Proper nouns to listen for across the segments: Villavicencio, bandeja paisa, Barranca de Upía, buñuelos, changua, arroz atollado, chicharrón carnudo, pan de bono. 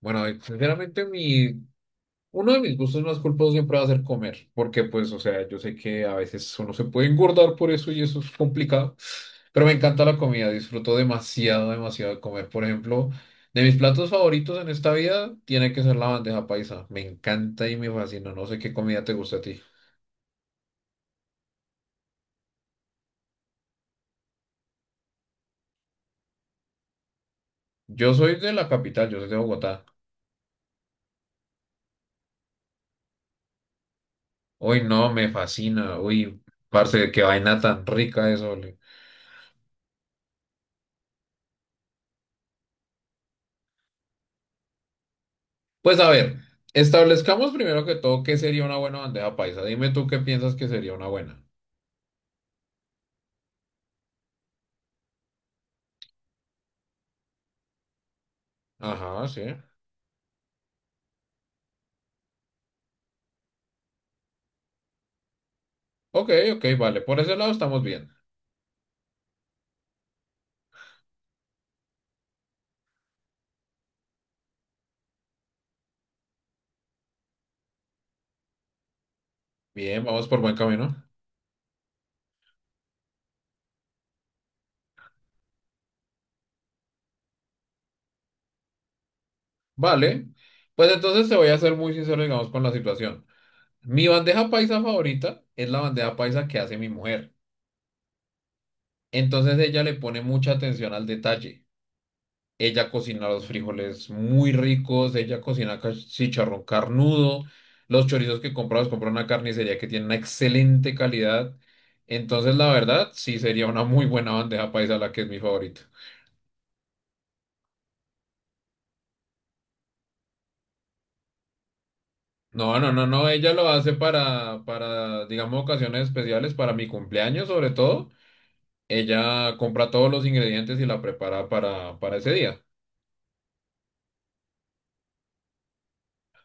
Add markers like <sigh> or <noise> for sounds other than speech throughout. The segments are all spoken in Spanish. Bueno, Sinceramente uno de mis gustos más culposos siempre va a ser comer, porque yo sé que a veces uno se puede engordar por eso y eso es complicado, pero me encanta la comida, disfruto demasiado, demasiado de comer. Por ejemplo, de mis platos favoritos en esta vida tiene que ser la bandeja paisa, me encanta y me fascina, no sé qué comida te gusta a ti. Yo soy de la capital, yo soy de Bogotá. Uy, no, me fascina, uy, parce, qué vaina tan rica eso. Pues a ver, establezcamos primero que todo qué sería una buena bandeja paisa. Dime tú qué piensas que sería una buena. Ajá, sí. Ok, ok, vale. Por ese lado estamos bien. Bien, vamos por buen camino. Vale. Pues entonces te voy a ser muy sincero, digamos, con la situación. Mi bandeja paisa favorita es la bandeja paisa que hace mi mujer. Entonces ella le pone mucha atención al detalle. Ella cocina los frijoles muy ricos, ella cocina chicharrón carnudo, los chorizos que compra los compra en una carnicería que tiene una excelente calidad. Entonces, la verdad, sí sería una muy buena bandeja paisa la que es mi favorito. No, no, no, no, ella lo hace para, digamos, ocasiones especiales, para mi cumpleaños sobre todo. Ella compra todos los ingredientes y la prepara para ese día.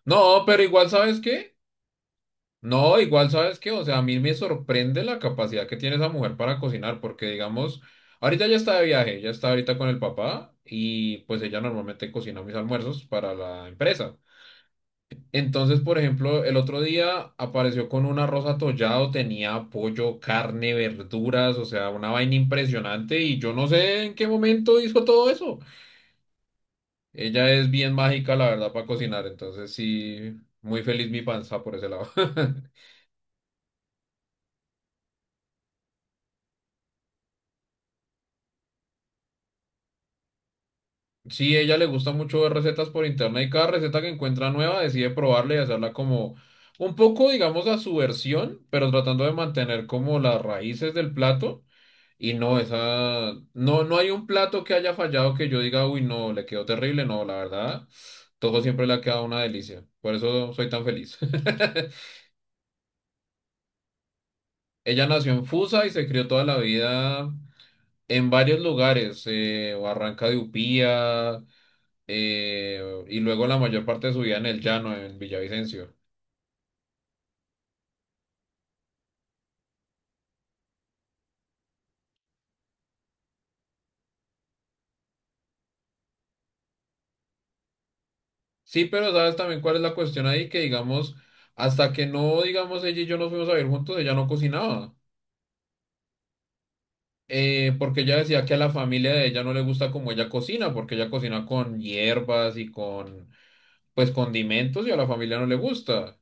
No, pero igual, ¿sabes qué? No, igual sabes qué, o sea, a mí me sorprende la capacidad que tiene esa mujer para cocinar, porque digamos, ahorita ya está de viaje, ya está ahorita con el papá y pues ella normalmente cocina mis almuerzos para la empresa. Entonces, por ejemplo, el otro día apareció con un arroz atollado, tenía pollo, carne, verduras, o sea, una vaina impresionante y yo no sé en qué momento hizo todo eso. Ella es bien mágica, la verdad, para cocinar, entonces sí, muy feliz mi panza por ese lado. <laughs> Sí, ella le gusta mucho ver recetas por internet y cada receta que encuentra nueva decide probarla y hacerla como un poco, digamos, a su versión, pero tratando de mantener como las raíces del plato. Y no, esa, no hay un plato que haya fallado que yo diga, uy, no, le quedó terrible. No, la verdad, todo siempre le ha quedado una delicia. Por eso soy tan feliz. <laughs> Ella nació en Fusa y se crió toda la vida en varios lugares, Barranca de Upía. eh, y luego la mayor parte de su vida en el llano, en Villavicencio. Sí, pero sabes también cuál es la cuestión ahí, que digamos, hasta que no, digamos, ella y yo nos fuimos a vivir juntos, ella no cocinaba. Porque ella decía que a la familia de ella no le gusta como ella cocina, porque ella cocina con hierbas y con pues, condimentos y a la familia no le gusta.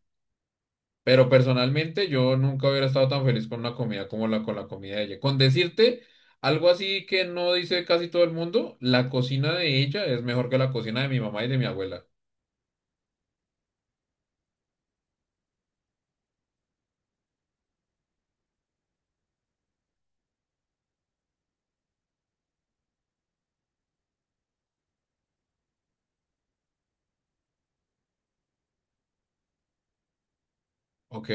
Pero personalmente yo nunca hubiera estado tan feliz con una comida como la con la comida de ella. Con decirte algo así que no dice casi todo el mundo, la cocina de ella es mejor que la cocina de mi mamá y de mi abuela. Ok.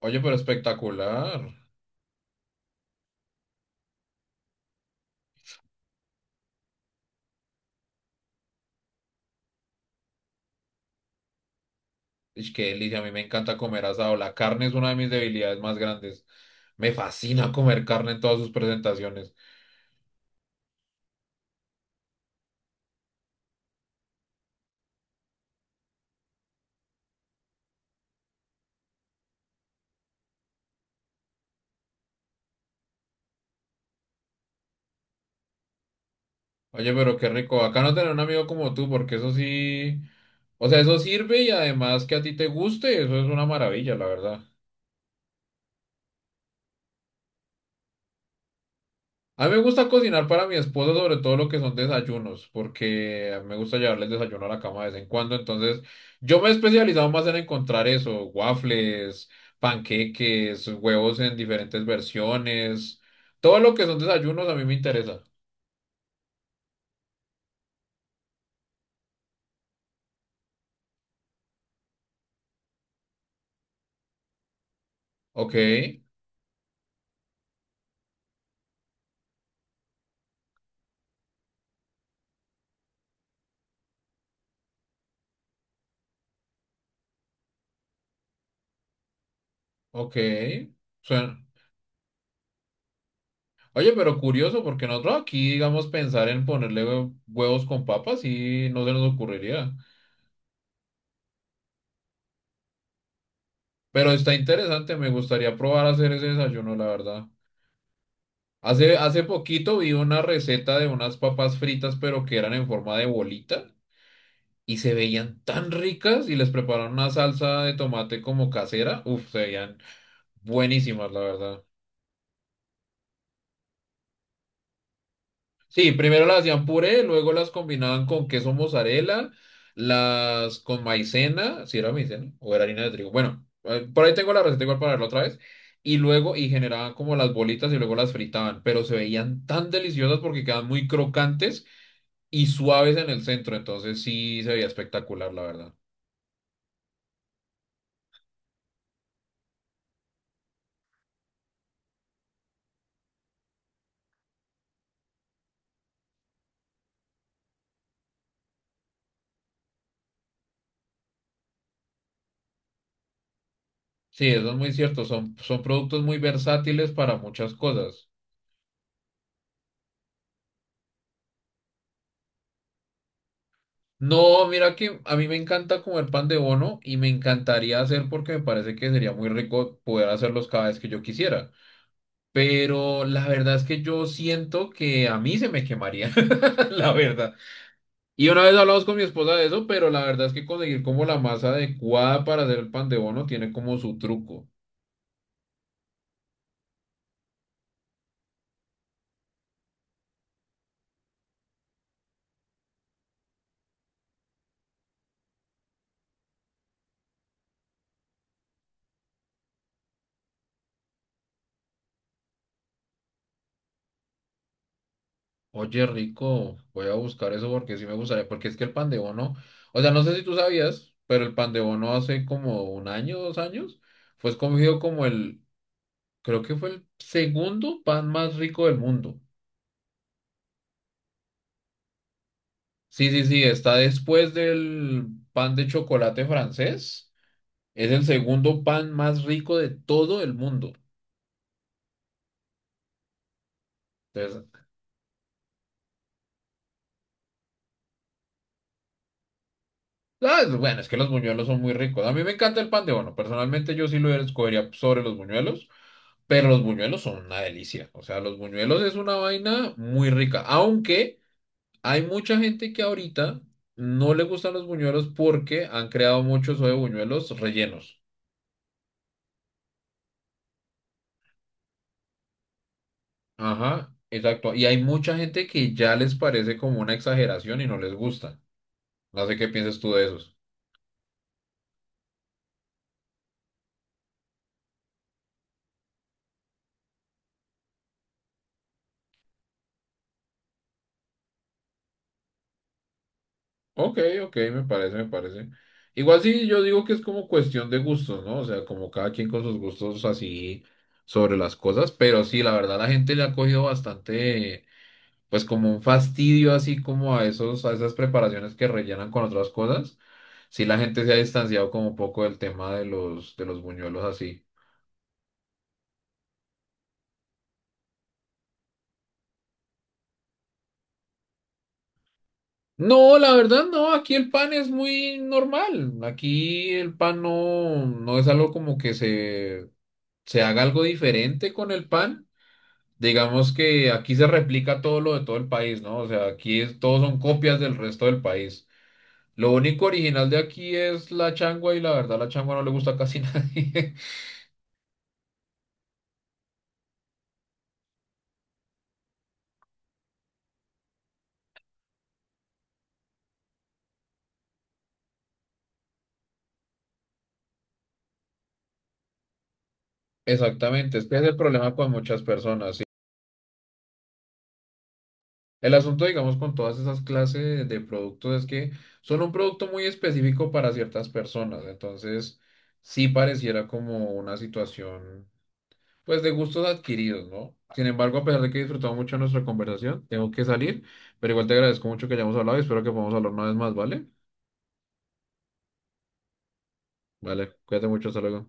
Oye, pero espectacular. Es que delicia, a mí me encanta comer asado. La carne es una de mis debilidades más grandes. Me fascina comer carne en todas sus presentaciones. Oye, pero qué rico. Acá no tener un amigo como tú, porque eso sí. O sea, eso sirve y además que a ti te guste, eso es una maravilla, la verdad. A mí me gusta cocinar para mi esposa, sobre todo lo que son desayunos, porque me gusta llevarle el desayuno a la cama de vez en cuando. Entonces, yo me he especializado más en encontrar eso, waffles, panqueques, huevos en diferentes versiones. Todo lo que son desayunos a mí me interesa. Ok, ok. Suena. Oye, pero curioso, porque nosotros aquí, digamos, pensar en ponerle huevos con papas y no se nos ocurriría. Pero está interesante, me gustaría probar a hacer ese desayuno, la verdad. Hace poquito vi una receta de unas papas fritas, pero que eran en forma de bolita y se veían tan ricas y les prepararon una salsa de tomate como casera. Uf, se veían buenísimas, la verdad. Sí, primero las hacían puré, luego las combinaban con queso mozzarella, las con maicena, si era maicena o era harina de trigo. Bueno, por ahí tengo la receta igual para verla otra vez. Y luego, y generaban como las bolitas y luego las fritaban, pero se veían tan deliciosas porque quedan muy crocantes y suaves en el centro, entonces sí se veía espectacular, la verdad. Sí, eso es muy cierto, son productos muy versátiles para muchas cosas. No, mira que a mí me encanta comer pan de bono y me encantaría hacer porque me parece que sería muy rico poder hacerlos cada vez que yo quisiera. Pero la verdad es que yo siento que a mí se me quemaría, <laughs> la verdad. Y una vez hablamos con mi esposa de eso, pero la verdad es que conseguir como la masa adecuada para hacer el pan de bono tiene como su truco. Oye, rico, voy a buscar eso porque sí me gustaría, porque es que el pan de bono, o sea, no sé si tú sabías, pero el pan de bono hace como un año, dos años, fue escogido como el, creo que fue el segundo pan más rico del mundo. Sí, sí, sí, está después del pan de chocolate francés, es el segundo pan más rico de todo el mundo. Entonces, ah, bueno, es que los buñuelos son muy ricos. A mí me encanta el pan de bono, personalmente yo sí lo escogería sobre los buñuelos. Pero los buñuelos son una delicia. O sea, los buñuelos es una vaina muy rica. Aunque hay mucha gente que ahorita no le gustan los buñuelos porque han creado muchos de buñuelos rellenos. Ajá, exacto. Y hay mucha gente que ya les parece como una exageración y no les gusta. No sé qué piensas tú de esos. Ok, ok, me parece, me parece. Igual sí, yo digo que es como cuestión de gustos, ¿no? O sea, como cada quien con sus gustos así sobre las cosas. Pero sí, la verdad, la gente le ha cogido bastante pues como un fastidio así como a esos, a esas preparaciones que rellenan con otras cosas, si la gente se ha distanciado como un poco del tema de los buñuelos así. No, la verdad no, aquí el pan es muy normal, aquí el pan no, no es algo como que se haga algo diferente con el pan. Digamos que aquí se replica todo lo de todo el país, ¿no? O sea, aquí es, todos son copias del resto del país. Lo único original de aquí es la changua y la verdad la changua no le gusta a casi <laughs> nadie. Exactamente, es que es el problema con muchas personas, ¿sí? El asunto, digamos, con todas esas clases de productos es que son un producto muy específico para ciertas personas, entonces sí pareciera como una situación, pues, de gustos adquiridos, ¿no? Sin embargo, a pesar de que he disfrutado mucho nuestra conversación, tengo que salir, pero igual te agradezco mucho que hayamos hablado y espero que podamos hablar una vez más, ¿vale? Vale, cuídate mucho, hasta luego.